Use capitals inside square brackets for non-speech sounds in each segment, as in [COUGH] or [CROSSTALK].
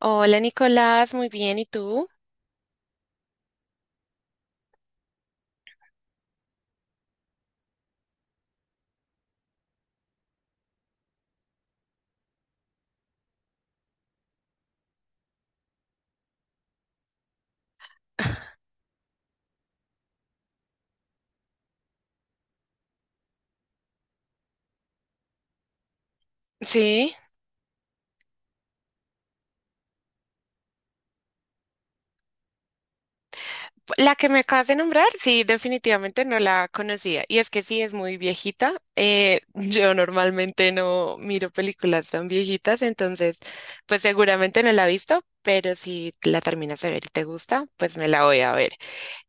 Hola Nicolás, muy bien, ¿y tú? [LAUGHS] Sí, la que me acabas de nombrar, sí, definitivamente no la conocía. Y es que sí, es muy viejita. [LAUGHS] Yo normalmente no miro películas tan viejitas, entonces, pues seguramente no la he visto, pero si la terminas de ver y te gusta, pues me la voy a ver.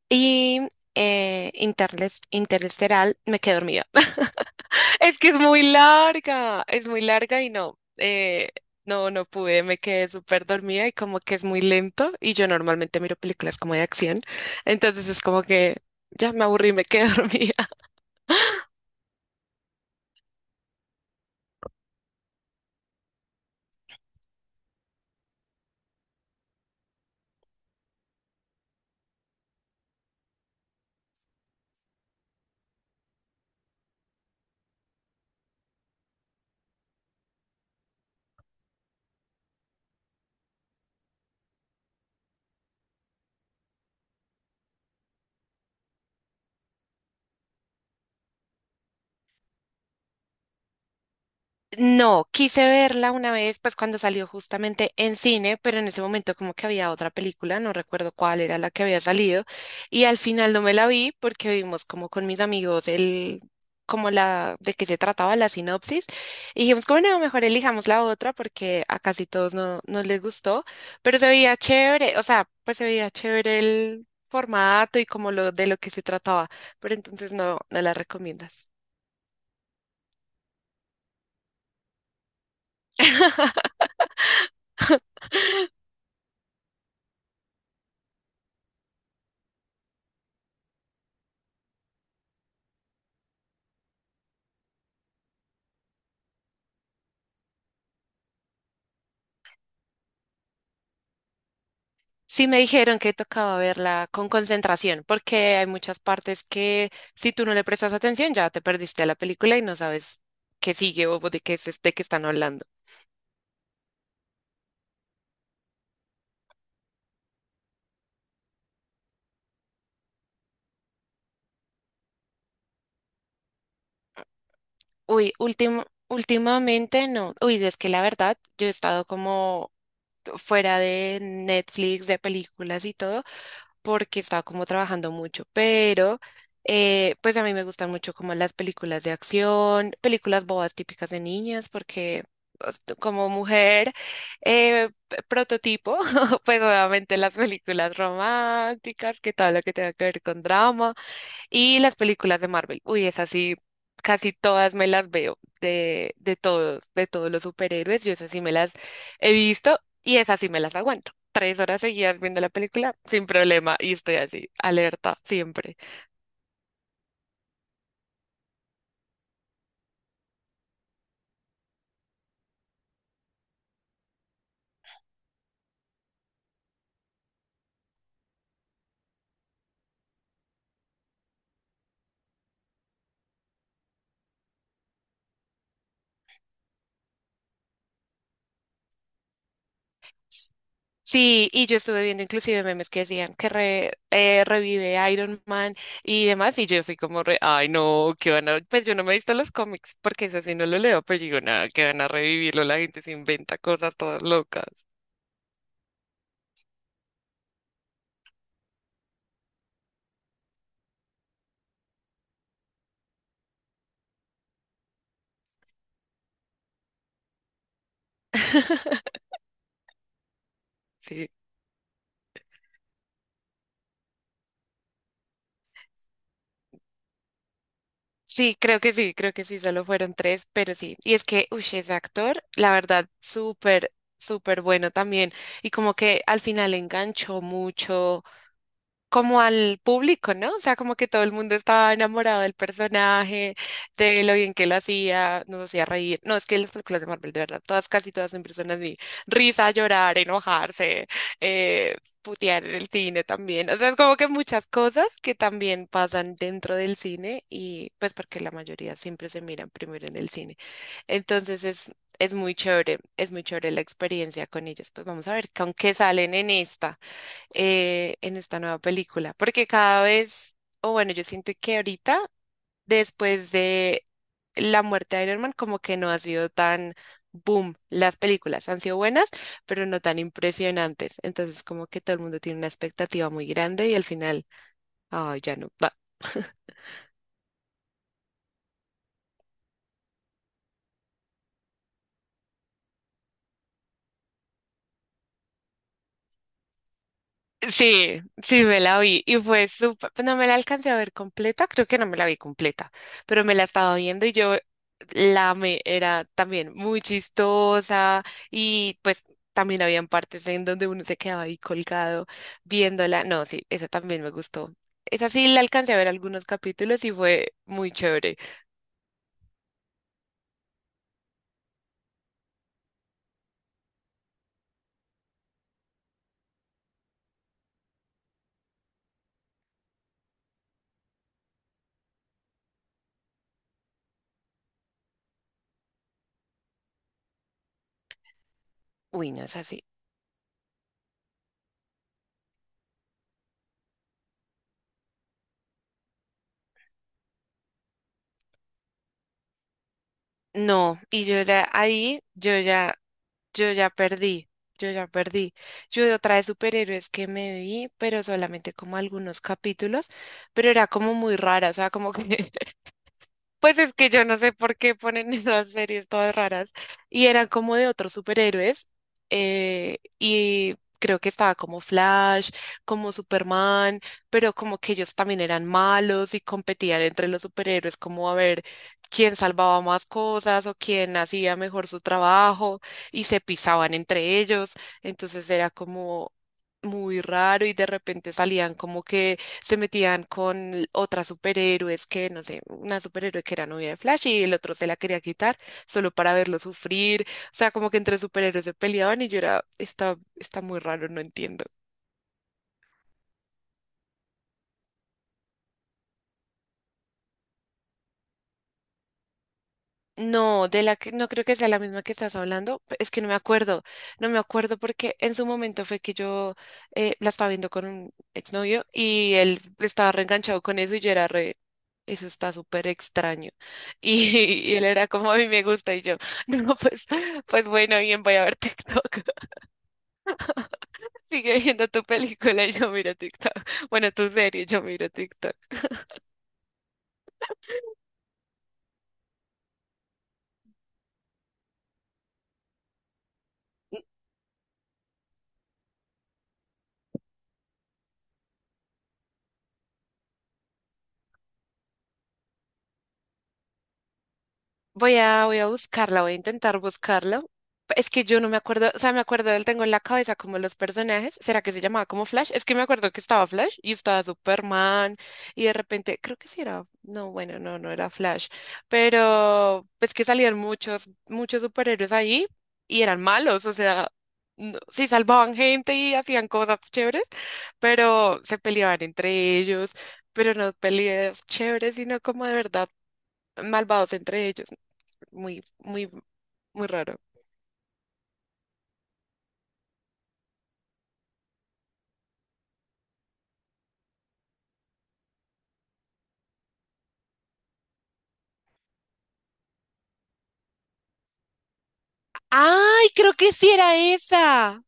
Y Interesteral, me quedé dormida. [LAUGHS] Es que es muy larga y no, no pude, me quedé súper dormida y como que es muy lento y yo normalmente miro películas como de acción, entonces es como que ya me aburrí, me quedé [LAUGHS] dormida. No, quise verla una vez, pues cuando salió justamente en cine, pero en ese momento como que había otra película, no recuerdo cuál era la que había salido, y al final no me la vi porque vimos como con mis amigos el, como la, de qué se trataba la sinopsis, y dijimos como no, mejor elijamos la otra porque a casi todos no, no les gustó, pero se veía chévere, o sea, pues se veía chévere el formato y como lo de lo que se trataba, pero entonces no, no la recomiendas. Sí me dijeron que tocaba verla con concentración, porque hay muchas partes que si tú no le prestas atención ya te perdiste la película y no sabes qué sigue o de qué es este que están hablando. Uy, último, últimamente no. Uy, es que la verdad, yo he estado como fuera de Netflix, de películas y todo, porque estaba como trabajando mucho, pero pues a mí me gustan mucho como las películas de acción, películas bobas típicas de niñas, porque pues, tú como mujer prototipo, [LAUGHS] pues obviamente las películas románticas, que todo lo que tenga que ver con drama. Y las películas de Marvel. Uy, esas sí, casi todas me las veo de todos los superhéroes. Yo esas sí me las he visto y esas sí me las aguanto. Tres horas seguidas viendo la película sin problema y estoy así, alerta siempre. Sí, y yo estuve viendo inclusive memes que decían que revive Iron Man y demás, y yo fui como re, ay no, que van a, pues yo no me he visto los cómics, porque eso sí no lo leo, pero digo, nada, que van a revivirlo, la gente se inventa cosas todas locas, sí. Sí, creo que sí, creo que sí, solo fueron tres, pero sí. Y es que, uy, ese actor, la verdad, súper, súper bueno también. Y como que al final enganchó mucho como al público, ¿no? O sea, como que todo el mundo estaba enamorado del personaje, de lo bien que lo hacía, nos hacía reír. No, es que las películas de Marvel, de verdad, todas, casi todas siempre son así. Risa, llorar, enojarse, putear en el cine también. O sea, es como que muchas cosas que también pasan dentro del cine y pues porque la mayoría siempre se miran primero en el cine. Entonces es muy chévere la experiencia con ellos. Pues vamos a ver con qué salen en esta nueva película, porque cada vez, o bueno, yo siento que ahorita, después de la muerte de Iron Man, como que no ha sido tan boom. Las películas han sido buenas, pero no tan impresionantes. Entonces, como que todo el mundo tiene una expectativa muy grande y al final, ay, ya no. [LAUGHS] Sí, sí, me la vi y fue súper, pues no me la alcancé a ver completa, creo que no me la vi completa, pero me la estaba viendo y yo la amé, era también muy chistosa y pues también habían partes en donde uno se quedaba ahí colgado viéndola, no, sí, esa también me gustó, esa sí la alcancé a ver algunos capítulos y fue muy chévere, uy, no es así, no, y yo ya ahí, yo ya perdí, yo ya perdí. Yo de otra de superhéroes que me vi, pero solamente como algunos capítulos, pero era como muy rara, o sea, como que [LAUGHS] pues es que yo no sé por qué ponen [LAUGHS] esas series todas raras. Y eran como de otros superhéroes. Y creo que estaba como Flash, como Superman, pero como que ellos también eran malos y competían entre los superhéroes, como a ver quién salvaba más cosas o quién hacía mejor su trabajo y se pisaban entre ellos. Entonces era como muy raro y de repente salían como que se metían con otras superhéroes que, no sé, una superhéroe que era novia de Flash y el otro se la quería quitar solo para verlo sufrir. O sea, como que entre superhéroes se peleaban y yo era, está muy raro, no entiendo. No, de la que no creo que sea la misma que estás hablando, es que no me acuerdo, no me acuerdo porque en su momento fue que yo la estaba viendo con un exnovio y él estaba reenganchado con eso y yo era re, eso está súper extraño. Y [LAUGHS] y él era como a mí me gusta y yo [LAUGHS] no, pues, pues bueno, bien, voy a ver TikTok, [LAUGHS] sigue viendo tu película y yo miro TikTok, [LAUGHS] bueno, tu serie, y yo miro TikTok. Y- voy a buscarla, voy a intentar buscarlo. Es que yo no me acuerdo, o sea, me acuerdo del tengo en la cabeza como los personajes. ¿Será que se llamaba como Flash? Es que me acuerdo que estaba Flash y estaba Superman y de repente, creo que sí era, no, bueno, no, no era Flash, pero pues que salían muchos, muchos superhéroes ahí y eran malos, o sea, no- sí salvaban gente y hacían cosas chéveres, pero se peleaban entre ellos, pero no peleas chéveres, sino como de verdad malvados entre ellos. Muy, muy, muy raro. ¡Ay! Creo que sí era esa.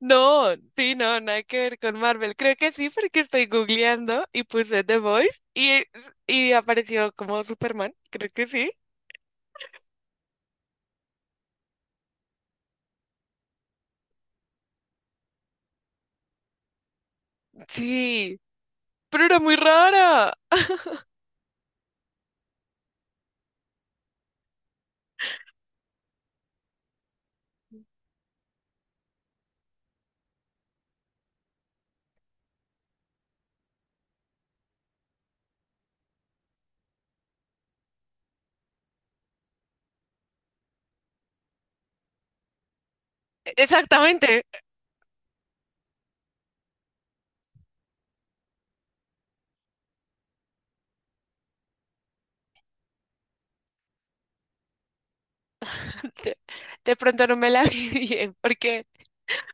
No, sí, no, nada que ver con Marvel. Creo que sí, porque estoy googleando y puse The Voice y apareció como Superman. Creo que sí. Sí, pero era muy raro. Exactamente. [LAUGHS] De pronto no me la [LAUGHS] vi bien, porque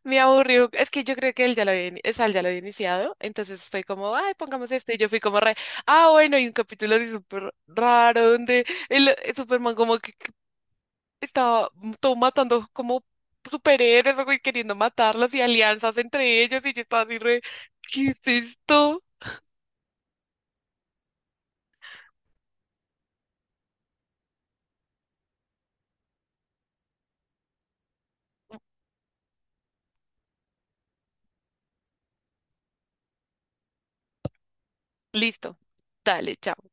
me aburrió, es que yo creo que él ya lo había, o sea, él ya lo había iniciado, entonces fue como, ay, pongamos esto, y yo fui como re, ah, bueno, hay un capítulo así súper raro, donde el Superman como que estaba todo matando como superhéroes, o güey, queriendo matarlos, y alianzas entre ellos, y yo estaba así re, ¿qué es esto? Listo, dale, chao.